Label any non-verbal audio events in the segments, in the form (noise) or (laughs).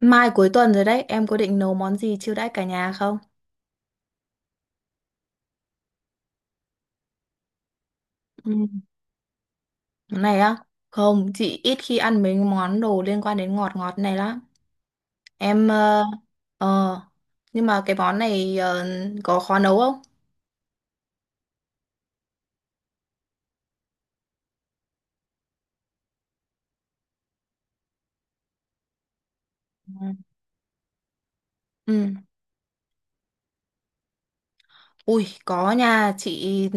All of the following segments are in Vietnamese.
Mai cuối tuần rồi đấy, em có định nấu món gì chiêu đãi cả nhà không? Ừ. Món này á? Không, chị ít khi ăn mấy món đồ liên quan đến ngọt ngọt này lắm. Em ờ, nhưng mà cái món này có khó nấu không? Ừ. Ừ. Ui có nha chị,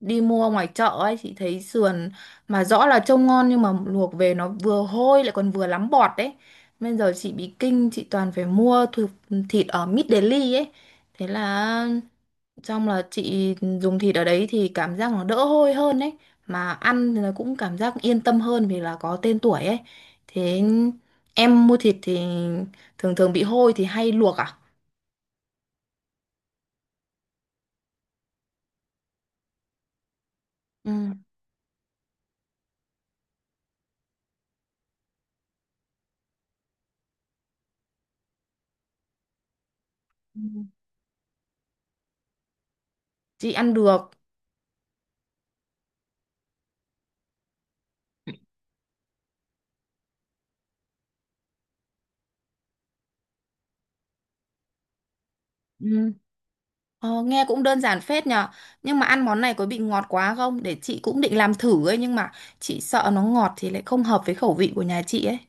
đi mua ngoài chợ ấy chị thấy sườn mà rõ là trông ngon, nhưng mà luộc về nó vừa hôi lại còn vừa lắm bọt đấy. Bây giờ chị bị kinh, chị toàn phải mua thịt ở Mid Daily ấy. Thế là xong là chị dùng thịt ở đấy thì cảm giác nó đỡ hôi hơn ấy. Mà ăn thì là cũng cảm giác yên tâm hơn vì là có tên tuổi ấy. Thế em mua thịt thì thường thường bị hôi thì hay luộc à? Ừ. Ừ. Chị ăn được. Ừ. Ờ, nghe cũng đơn giản phết nhờ. Nhưng mà ăn món này có bị ngọt quá không? Để chị cũng định làm thử ấy. Nhưng mà chị sợ nó ngọt thì lại không hợp với khẩu vị của nhà chị ấy.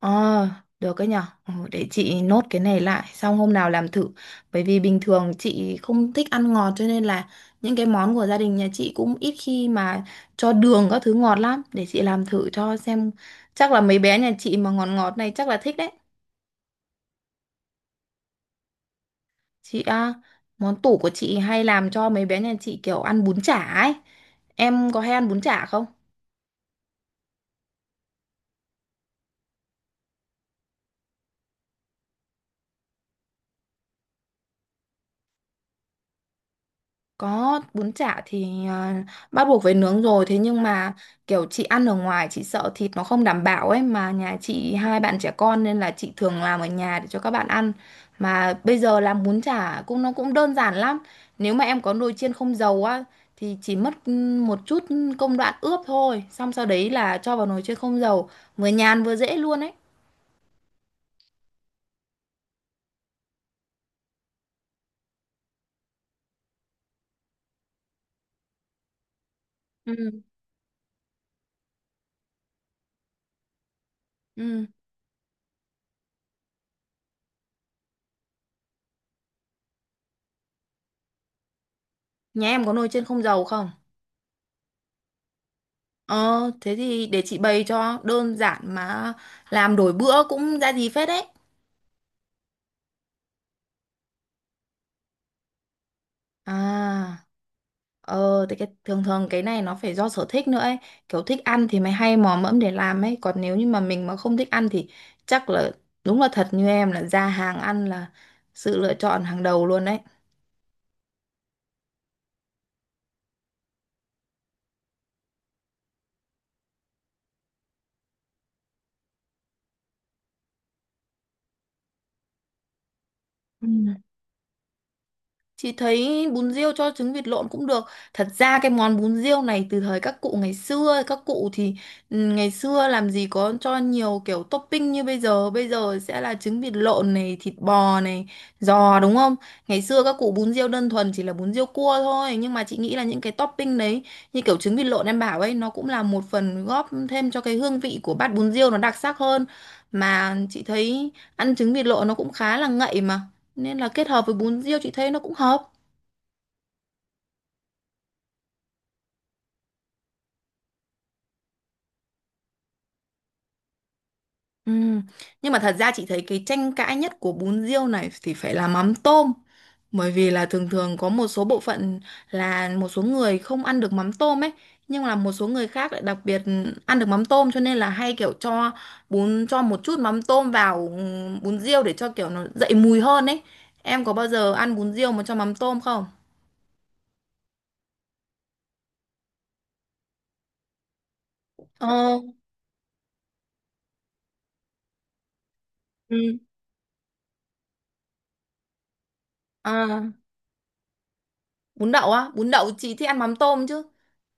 Ờ, được ấy nhờ. Ừ, để chị nốt cái này lại. Xong hôm nào làm thử. Bởi vì bình thường chị không thích ăn ngọt. Cho nên là những cái món của gia đình nhà chị cũng ít khi mà cho đường các thứ ngọt lắm. Để chị làm thử cho xem. Chắc là mấy bé nhà chị mà ngọt ngọt này chắc là thích đấy. Chị á, món tủ của chị hay làm cho mấy bé nhà chị kiểu ăn bún chả ấy. Em có hay ăn bún chả không? Có, bún chả thì à, bắt buộc phải nướng rồi. Thế nhưng mà kiểu chị ăn ở ngoài chị sợ thịt nó không đảm bảo ấy. Mà nhà chị hai bạn trẻ con nên là chị thường làm ở nhà để cho các bạn ăn. Mà bây giờ làm bún chả cũng nó cũng đơn giản lắm. Nếu mà em có nồi chiên không dầu á thì chỉ mất một chút công đoạn ướp thôi. Xong sau đấy là cho vào nồi chiên không dầu. Vừa nhàn vừa dễ luôn ấy. Ừ. Ừ. Nhà em có nồi chiên không dầu không? Ờ, thế thì để chị bày cho đơn giản mà làm đổi bữa cũng ra gì phết đấy. À, thì cái, thường thường cái này nó phải do sở thích nữa ấy. Kiểu thích ăn thì mày hay mò mẫm để làm ấy. Còn nếu như mà mình mà không thích ăn thì chắc là đúng là thật như em là ra hàng ăn là sự lựa chọn hàng đầu luôn đấy. Ừ. Chị thấy bún riêu cho trứng vịt lộn cũng được. Thật ra cái món bún riêu này từ thời các cụ ngày xưa, các cụ thì ngày xưa làm gì có cho nhiều kiểu topping như bây giờ. Bây giờ sẽ là trứng vịt lộn này, thịt bò này, giò, đúng không? Ngày xưa các cụ bún riêu đơn thuần chỉ là bún riêu cua thôi. Nhưng mà chị nghĩ là những cái topping đấy như kiểu trứng vịt lộn em bảo ấy nó cũng là một phần góp thêm cho cái hương vị của bát bún riêu nó đặc sắc hơn. Mà chị thấy ăn trứng vịt lộn nó cũng khá là ngậy mà nên là kết hợp với bún riêu chị thấy nó cũng hợp. Ừ, nhưng mà thật ra chị thấy cái tranh cãi nhất của bún riêu này thì phải là mắm tôm, bởi vì là thường thường có một số bộ phận là một số người không ăn được mắm tôm ấy, nhưng là một số người khác lại đặc biệt ăn được mắm tôm cho nên là hay kiểu cho bún, cho một chút mắm tôm vào bún riêu để cho kiểu nó dậy mùi hơn ấy. Em có bao giờ ăn bún riêu mà cho mắm tôm không? Ờ, ừ. À, bún đậu á, bún đậu chị thích ăn mắm tôm chứ.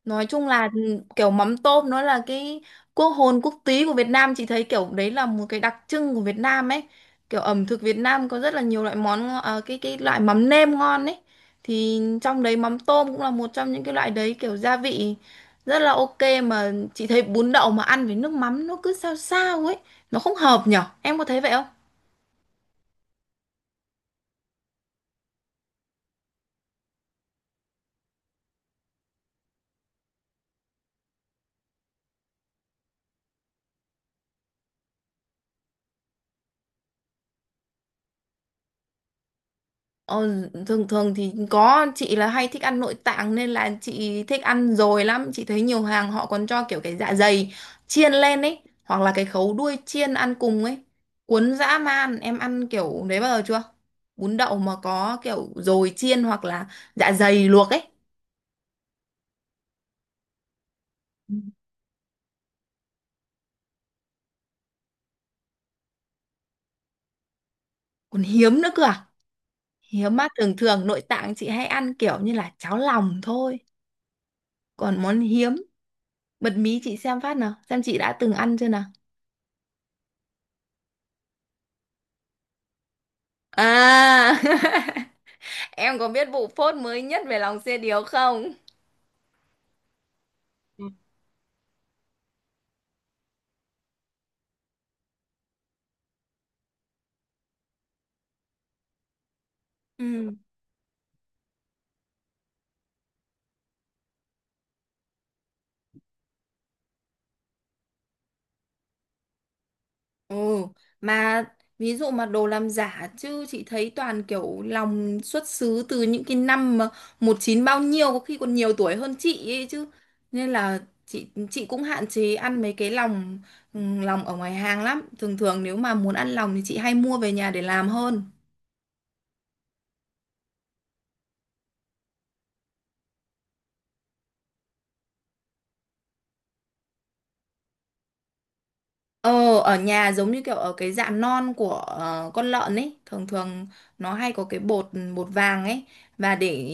Nói chung là kiểu mắm tôm nó là cái quốc hồn quốc túy của Việt Nam, chị thấy kiểu đấy là một cái đặc trưng của Việt Nam ấy. Kiểu ẩm thực Việt Nam có rất là nhiều loại cái loại mắm nêm ngon ấy, thì trong đấy mắm tôm cũng là một trong những cái loại đấy, kiểu gia vị rất là ok. Mà chị thấy bún đậu mà ăn với nước mắm nó cứ sao sao ấy, nó không hợp nhở, em có thấy vậy không? Ờ, thường thường thì có, chị là hay thích ăn nội tạng nên là chị thích ăn dồi lắm. Chị thấy nhiều hàng họ còn cho kiểu cái dạ dày chiên lên ấy, hoặc là cái khấu đuôi chiên ăn cùng ấy, cuốn dã man. Em ăn kiểu đấy bao giờ chưa? Bún đậu mà có kiểu dồi chiên hoặc là dạ dày luộc ấy. Ừ. Còn hiếm nữa cơ à? Hiếm mà thường thường nội tạng chị hay ăn kiểu như là cháo lòng thôi. Còn món hiếm, bật mí chị xem phát nào xem chị đã từng ăn chưa nào. À. (laughs) Em có biết vụ phốt mới nhất về lòng xe điếu không? Ừ. Ừ, mà ví dụ mà đồ làm giả chứ chị thấy toàn kiểu lòng xuất xứ từ những cái năm mà một chín bao nhiêu, có khi còn nhiều tuổi hơn chị ấy chứ. Nên là chị cũng hạn chế ăn mấy cái lòng, lòng ở ngoài hàng lắm. Thường thường nếu mà muốn ăn lòng thì chị hay mua về nhà để làm hơn. Ờ, ở nhà giống như kiểu ở cái dạ non của con lợn ấy, thường thường nó hay có cái bột bột vàng ấy, và để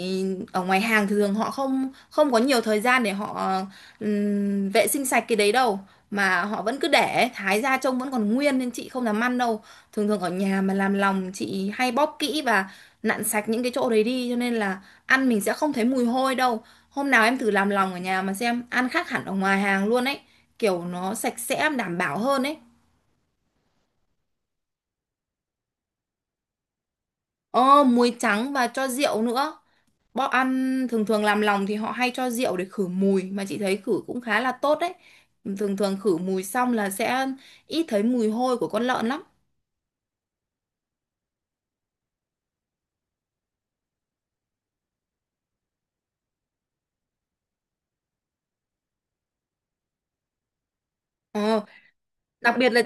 ở ngoài hàng thì thường họ không không có nhiều thời gian để họ vệ sinh sạch cái đấy đâu, mà họ vẫn cứ để thái ra trông vẫn còn nguyên nên chị không dám ăn đâu. Thường thường ở nhà mà làm lòng chị hay bóp kỹ và nặn sạch những cái chỗ đấy đi, cho nên là ăn mình sẽ không thấy mùi hôi đâu. Hôm nào em thử làm lòng ở nhà mà xem, ăn khác hẳn ở ngoài hàng luôn ấy. Kiểu nó sạch sẽ, đảm bảo hơn ấy. Ờ, muối trắng và cho rượu nữa. Bọn ăn thường thường làm lòng thì họ hay cho rượu để khử mùi, mà chị thấy khử cũng khá là tốt đấy. Thường thường khử mùi xong là sẽ ít thấy mùi hôi của con lợn lắm. Ờ, đặc biệt là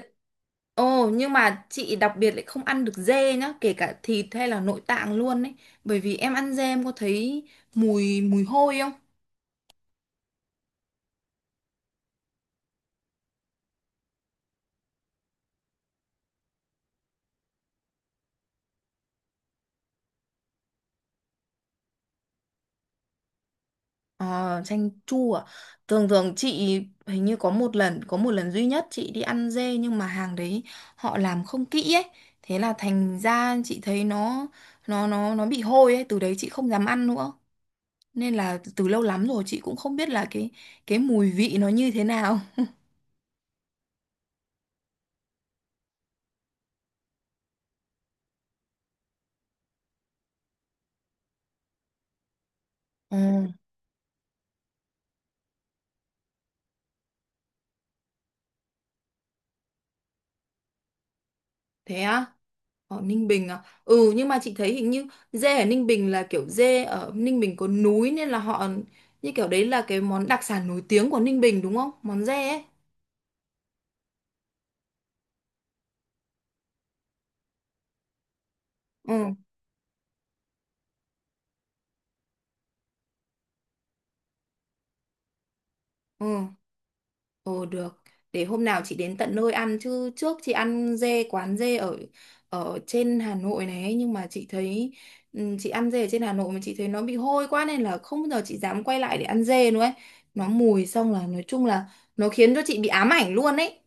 Ồ, nhưng mà chị đặc biệt lại không ăn được dê nhá, kể cả thịt hay là nội tạng luôn ấy. Bởi vì em ăn dê em có thấy mùi mùi hôi không? Ờ, chanh chua à? Thường thường chị hình như có một lần duy nhất chị đi ăn dê, nhưng mà hàng đấy họ làm không kỹ ấy, thế là thành ra chị thấy nó bị hôi ấy, từ đấy chị không dám ăn nữa, nên là từ lâu lắm rồi chị cũng không biết là cái mùi vị nó như thế nào. Ồ, thế á? Ở Ninh Bình à? Ừ, nhưng mà chị thấy hình như dê ở Ninh Bình là kiểu dê ở Ninh Bình có núi nên là họ như kiểu đấy là cái món đặc sản nổi tiếng của Ninh Bình, đúng không? Món dê ấy. Ừ. Ừ, ồ được. Để hôm nào chị đến tận nơi ăn, chứ trước chị ăn dê quán dê ở ở trên Hà Nội này ấy, nhưng mà chị thấy chị ăn dê ở trên Hà Nội mà chị thấy nó bị hôi quá nên là không bao giờ chị dám quay lại để ăn dê nữa ấy. Nó mùi xong là nói chung là nó khiến cho chị bị ám ảnh luôn ấy.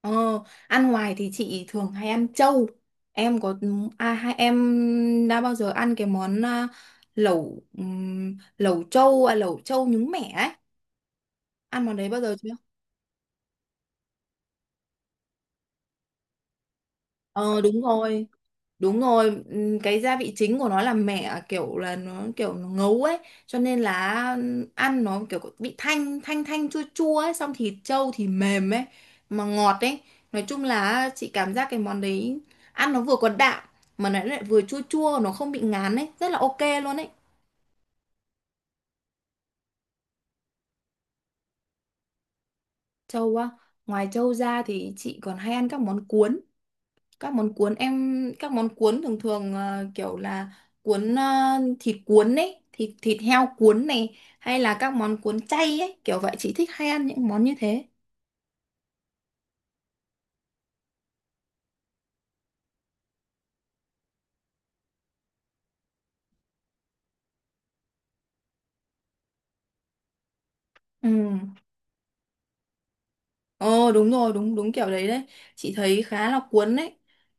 Ờ, ăn ngoài thì chị thường hay ăn trâu. Em có Hai em đã bao giờ ăn cái món à, lẩu lẩu trâu à, lẩu trâu nhúng mẻ ấy. Ăn món đấy bao giờ chưa? Ờ đúng rồi, đúng rồi. Cái gia vị chính của nó là mẹ à, kiểu là nó kiểu nó ngấu ấy, cho nên là ăn nó kiểu bị thanh thanh thanh chua chua ấy, xong thịt trâu thì mềm ấy mà ngọt ấy. Nói chung là chị cảm giác cái món đấy ăn nó vừa có đạm mà nó lại vừa chua chua, nó không bị ngán ấy, rất là ok luôn ấy. Trâu á, ngoài trâu ra thì chị còn hay ăn các món cuốn. các món cuốn em các món cuốn thường thường kiểu là cuốn ờ, thịt cuốn ấy, thịt thịt heo cuốn này hay là các món cuốn chay ấy, kiểu vậy chị thích hay ăn những món như thế. Ừ. Ồ đúng rồi, đúng đúng kiểu đấy đấy, chị thấy khá là cuốn đấy.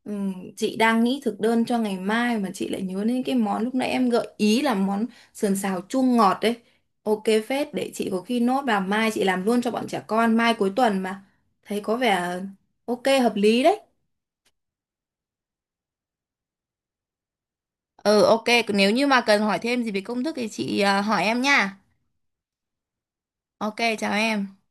Ừ, chị đang nghĩ thực đơn cho ngày mai mà chị lại nhớ đến cái món lúc nãy em gợi ý là món sườn xào chua ngọt đấy, ok phết. Để chị có khi nốt vào mai chị làm luôn cho bọn trẻ con, mai cuối tuần mà, thấy có vẻ ok hợp lý đấy. Ừ ok, nếu như mà cần hỏi thêm gì về công thức thì hỏi em nha. Ok, chào em.